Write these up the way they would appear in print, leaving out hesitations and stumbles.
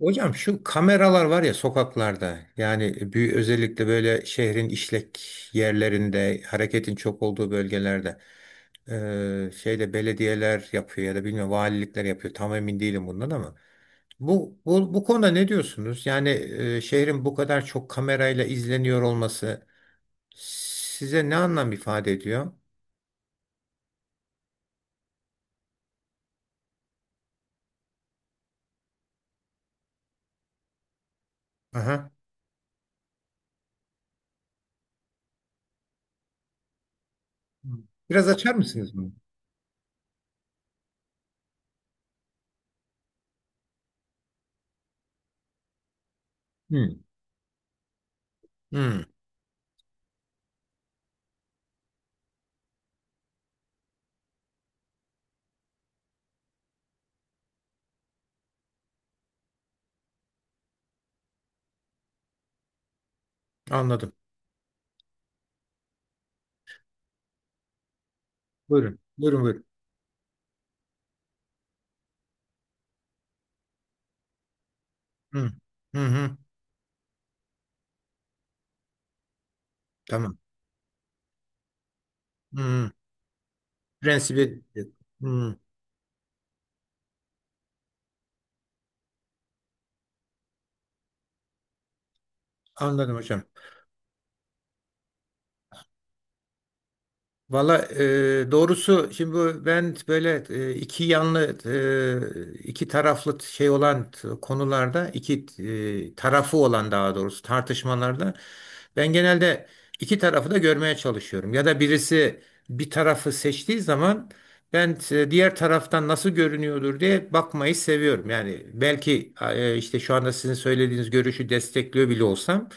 Hocam şu kameralar var ya sokaklarda, yani büyük, özellikle böyle şehrin işlek yerlerinde, hareketin çok olduğu bölgelerde şeyde belediyeler yapıyor ya da bilmiyorum, valilikler yapıyor, tam emin değilim bundan. Ama bu konuda ne diyorsunuz? Yani şehrin bu kadar çok kamerayla izleniyor olması size ne anlam ifade ediyor? Aha. Biraz açar mısınız bunu? Hı. Hı. Anladım. Buyurun. Buyurun. Hı. Hı hı. Tamam. Hı. Prensibi. Hmm, anladım hocam. Valla doğrusu şimdi ben böyle iki yanlı, iki taraflı şey olan, konularda iki, tarafı olan, daha doğrusu tartışmalarda ben genelde iki tarafı da görmeye çalışıyorum. Ya da birisi bir tarafı seçtiği zaman ben diğer taraftan nasıl görünüyordur diye bakmayı seviyorum. Yani belki işte şu anda sizin söylediğiniz görüşü destekliyor bile olsam,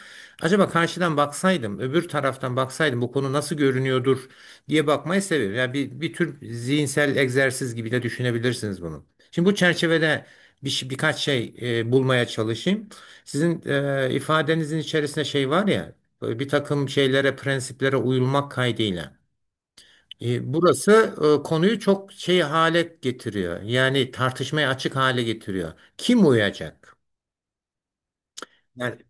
acaba karşıdan baksaydım, öbür taraftan baksaydım bu konu nasıl görünüyordur diye bakmayı seviyorum. Yani bir tür zihinsel egzersiz gibi de düşünebilirsiniz bunu. Şimdi bu çerçevede bir, birkaç şey bulmaya çalışayım. Sizin ifadenizin içerisinde şey var ya, böyle bir takım şeylere, prensiplere uyulmak kaydıyla. E, burası konuyu çok şey hale getiriyor. Yani tartışmaya açık hale getiriyor. Kim uyacak? Yani,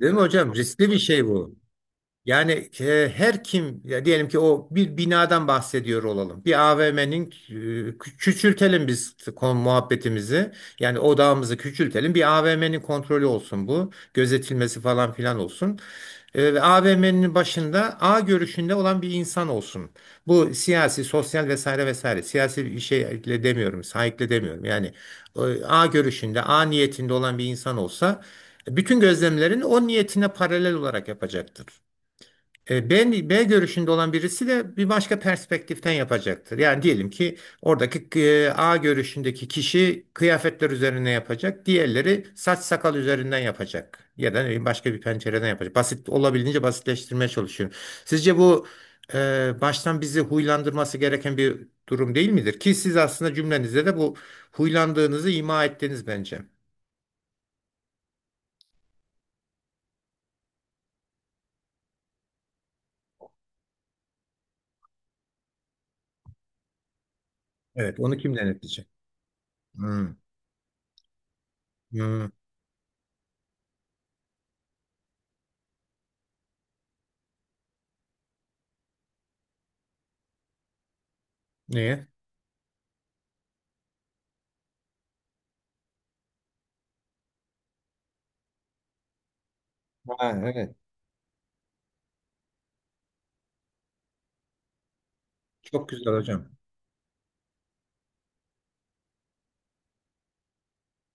değil mi hocam? Riskli bir şey bu. Yani her kim ya, diyelim ki o bir binadan bahsediyor olalım. Bir AVM'nin küçültelim biz muhabbetimizi. Yani odağımızı küçültelim. Bir AVM'nin kontrolü olsun bu. Gözetilmesi falan filan olsun. E, ve AVM'nin başında A görüşünde olan bir insan olsun. Bu siyasi, sosyal, vesaire vesaire. Siyasi bir şeyle demiyorum, sahikle demiyorum. Yani e, A görüşünde, A niyetinde olan bir insan olsa, bütün gözlemlerini o niyetine paralel olarak yapacaktır. E, B, B görüşünde olan birisi de bir başka perspektiften yapacaktır. Yani diyelim ki oradaki A görüşündeki kişi kıyafetler üzerine yapacak, diğerleri saç sakal üzerinden yapacak ya da ne bileyim başka bir pencereden yapacak. Basit, olabildiğince basitleştirmeye çalışıyorum. Sizce bu baştan bizi huylandırması gereken bir durum değil midir? Ki siz aslında cümlenizde de bu huylandığınızı ima ettiniz bence. Evet, onu kim denetleyecek? Hmm. Hmm. Niye? Ha, evet. Çok güzel hocam.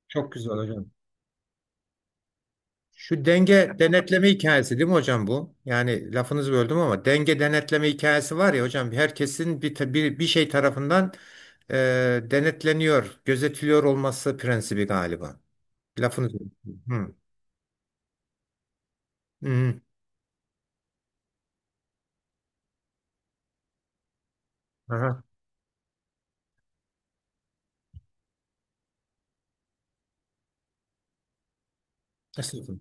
Çok güzel hocam. Şu denge denetleme hikayesi değil mi hocam bu? Yani lafınızı böldüm ama denge denetleme hikayesi var ya hocam, herkesin bir bir, bir şey tarafından e, denetleniyor, gözetiliyor olması prensibi galiba. Lafınızı. Hı. Hı. Aha. Estağfurullah.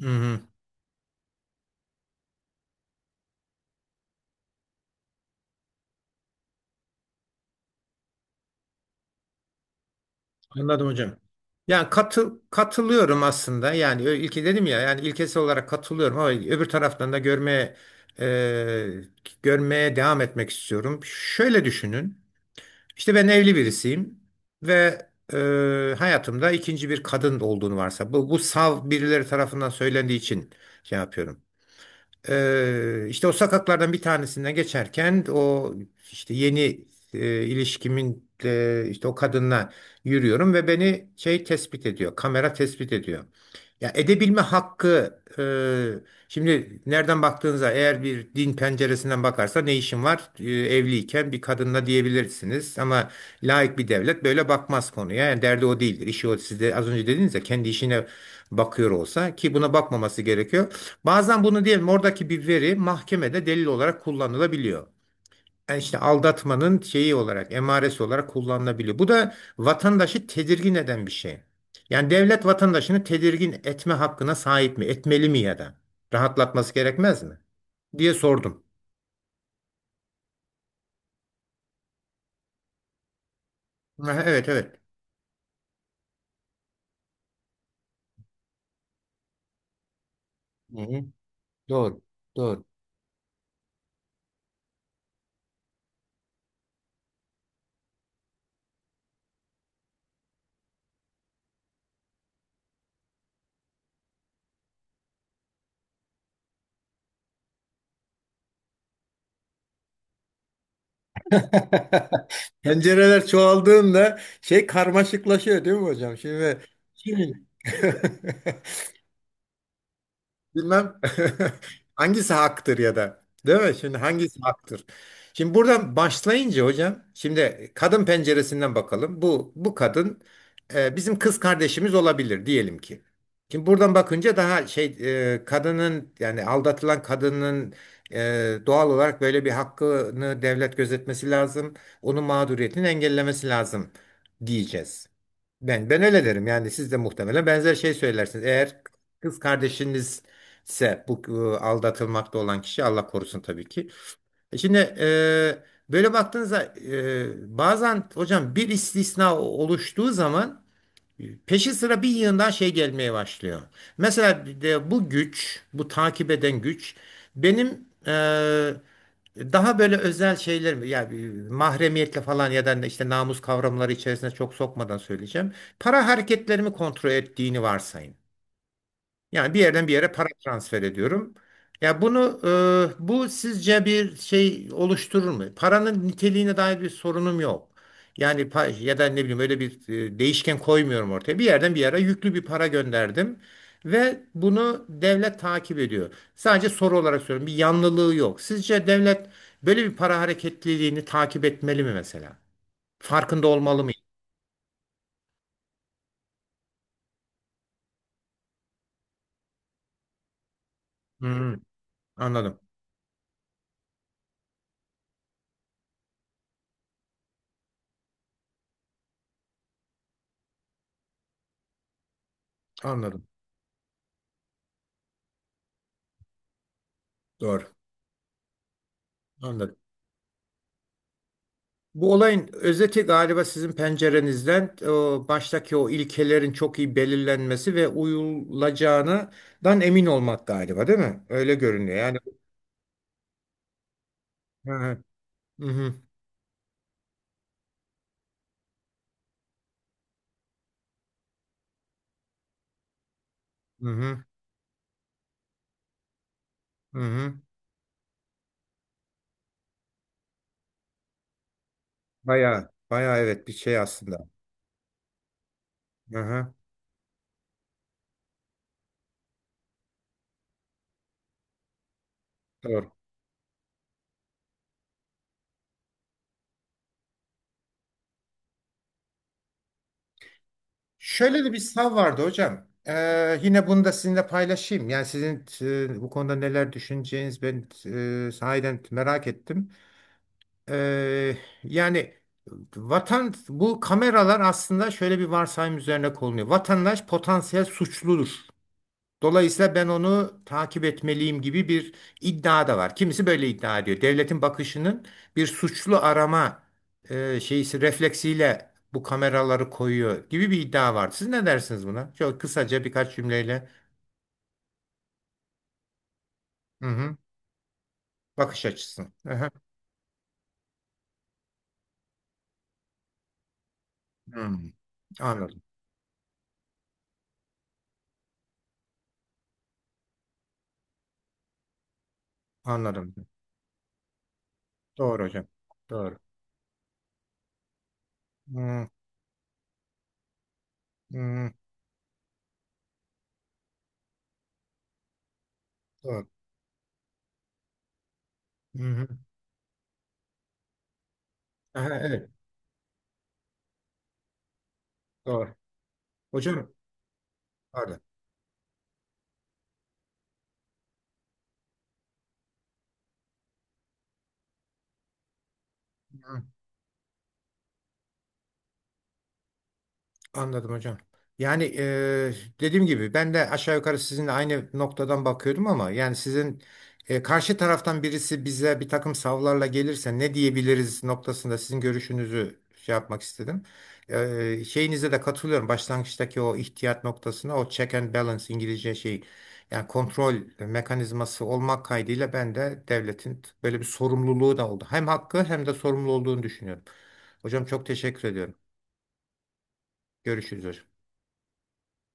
Hı hı. Anladım hocam. Yani katılıyorum aslında. Yani ilki dedim ya, yani ilkesi olarak katılıyorum ama öbür taraftan da görmeye, e, görmeye devam etmek istiyorum. Şöyle düşünün. İşte ben evli birisiyim ve, e, hayatımda ikinci bir kadın olduğunu varsa, bu sav birileri tarafından söylendiği için şey yapıyorum. E, işte o sokaklardan bir tanesinden geçerken o işte yeni ilişkimin işte o kadınla yürüyorum ve beni şey tespit ediyor. Kamera tespit ediyor. Ya edebilme hakkı, şimdi nereden baktığınıza, eğer bir din penceresinden bakarsa ne işin var, e, evliyken bir kadınla, diyebilirsiniz ama laik bir devlet böyle bakmaz konuya. Yani derdi o değildir, işi o, siz de az önce dediniz ya kendi işine bakıyor olsa, ki buna bakmaması gerekiyor, bazen bunu diyelim oradaki bir veri mahkemede delil olarak kullanılabiliyor. Yani işte aldatmanın şeyi olarak, emaresi olarak kullanılabiliyor. Bu da vatandaşı tedirgin eden bir şey. Yani devlet vatandaşını tedirgin etme hakkına sahip mi? Etmeli mi ya da? Rahatlatması gerekmez mi? Diye sordum. Ha, evet, evet. Hı hı. Doğru. Doğru. Pencereler çoğaldığında şey karmaşıklaşıyor değil mi hocam? Şimdi, şimdi bilmem hangisi haktır ya da değil mi? Şimdi hangisi haktır? Şimdi buradan başlayınca hocam, şimdi kadın penceresinden bakalım. Bu kadın bizim kız kardeşimiz olabilir diyelim ki. Şimdi buradan bakınca daha şey, kadının, yani aldatılan kadının doğal olarak böyle bir hakkını devlet gözetmesi lazım. Onun mağduriyetini engellemesi lazım diyeceğiz. Ben öyle derim. Yani siz de muhtemelen benzer şey söylersiniz. Eğer kız kardeşiniz ise bu aldatılmakta olan kişi, Allah korusun tabii ki. E, şimdi böyle baktığınızda bazen hocam bir istisna oluştuğu zaman peşi sıra bir yığından şey gelmeye başlıyor. Mesela bir de bu güç, bu takip eden güç benim daha böyle özel şeyler, yani mahremiyetle falan ya da işte namus kavramları içerisine çok sokmadan söyleyeceğim. Para hareketlerimi kontrol ettiğini varsayın. Yani bir yerden bir yere para transfer ediyorum. Ya bunu bu sizce bir şey oluşturur mu? Paranın niteliğine dair bir sorunum yok. Yani ya da ne bileyim, öyle bir değişken koymuyorum ortaya. Bir yerden bir yere yüklü bir para gönderdim ve bunu devlet takip ediyor. Sadece soru olarak söylüyorum, bir yanlılığı yok. Sizce devlet böyle bir para hareketliliğini takip etmeli mi mesela? Farkında olmalı mı? Hı, anladım. Anladım. Doğru. Anladım. Bu olayın özeti galiba sizin pencerenizden, baştaki o ilkelerin çok iyi belirlenmesi ve uyulacağından emin olmak galiba, değil mi? Öyle görünüyor. Yani hı hı, hı hı, hı hı, hı. Bayağı bayağı evet, bir şey aslında. Hı hı, doğru. Şöyle de bir sav vardı hocam. Yine bunu da sizinle paylaşayım. Yani sizin bu konuda neler düşüneceğiniz, ben sahiden merak ettim. Eee, yani vatan, bu kameralar aslında şöyle bir varsayım üzerine konuluyor: vatandaş potansiyel suçludur, dolayısıyla ben onu takip etmeliyim gibi bir iddia da var. Kimisi böyle iddia ediyor. Devletin bakışının bir suçlu arama şeysi refleksiyle bu kameraları koyuyor gibi bir iddia var. Siz ne dersiniz buna? Çok kısaca birkaç cümleyle. Hı hı. Bakış açısı. Hı hı. Hmm. Anladım. Anladım. Doğru hocam. Doğru. Hmm. Hmm. Doğru. Hı hı. Aha, evet. Doğru. Hocam pardon. Anladım hocam. Yani dediğim gibi ben de aşağı yukarı sizinle aynı noktadan bakıyordum ama, yani sizin karşı taraftan birisi bize bir takım savlarla gelirse ne diyebiliriz noktasında sizin görüşünüzü şey yapmak istedim. Şeyinize de katılıyorum. Başlangıçtaki o ihtiyat noktasına, o check and balance, İngilizce şey, yani kontrol mekanizması olmak kaydıyla, ben de devletin böyle bir sorumluluğu da oldu, hem hakkı hem de sorumlu olduğunu düşünüyorum. Hocam çok teşekkür ediyorum. Görüşürüz hocam.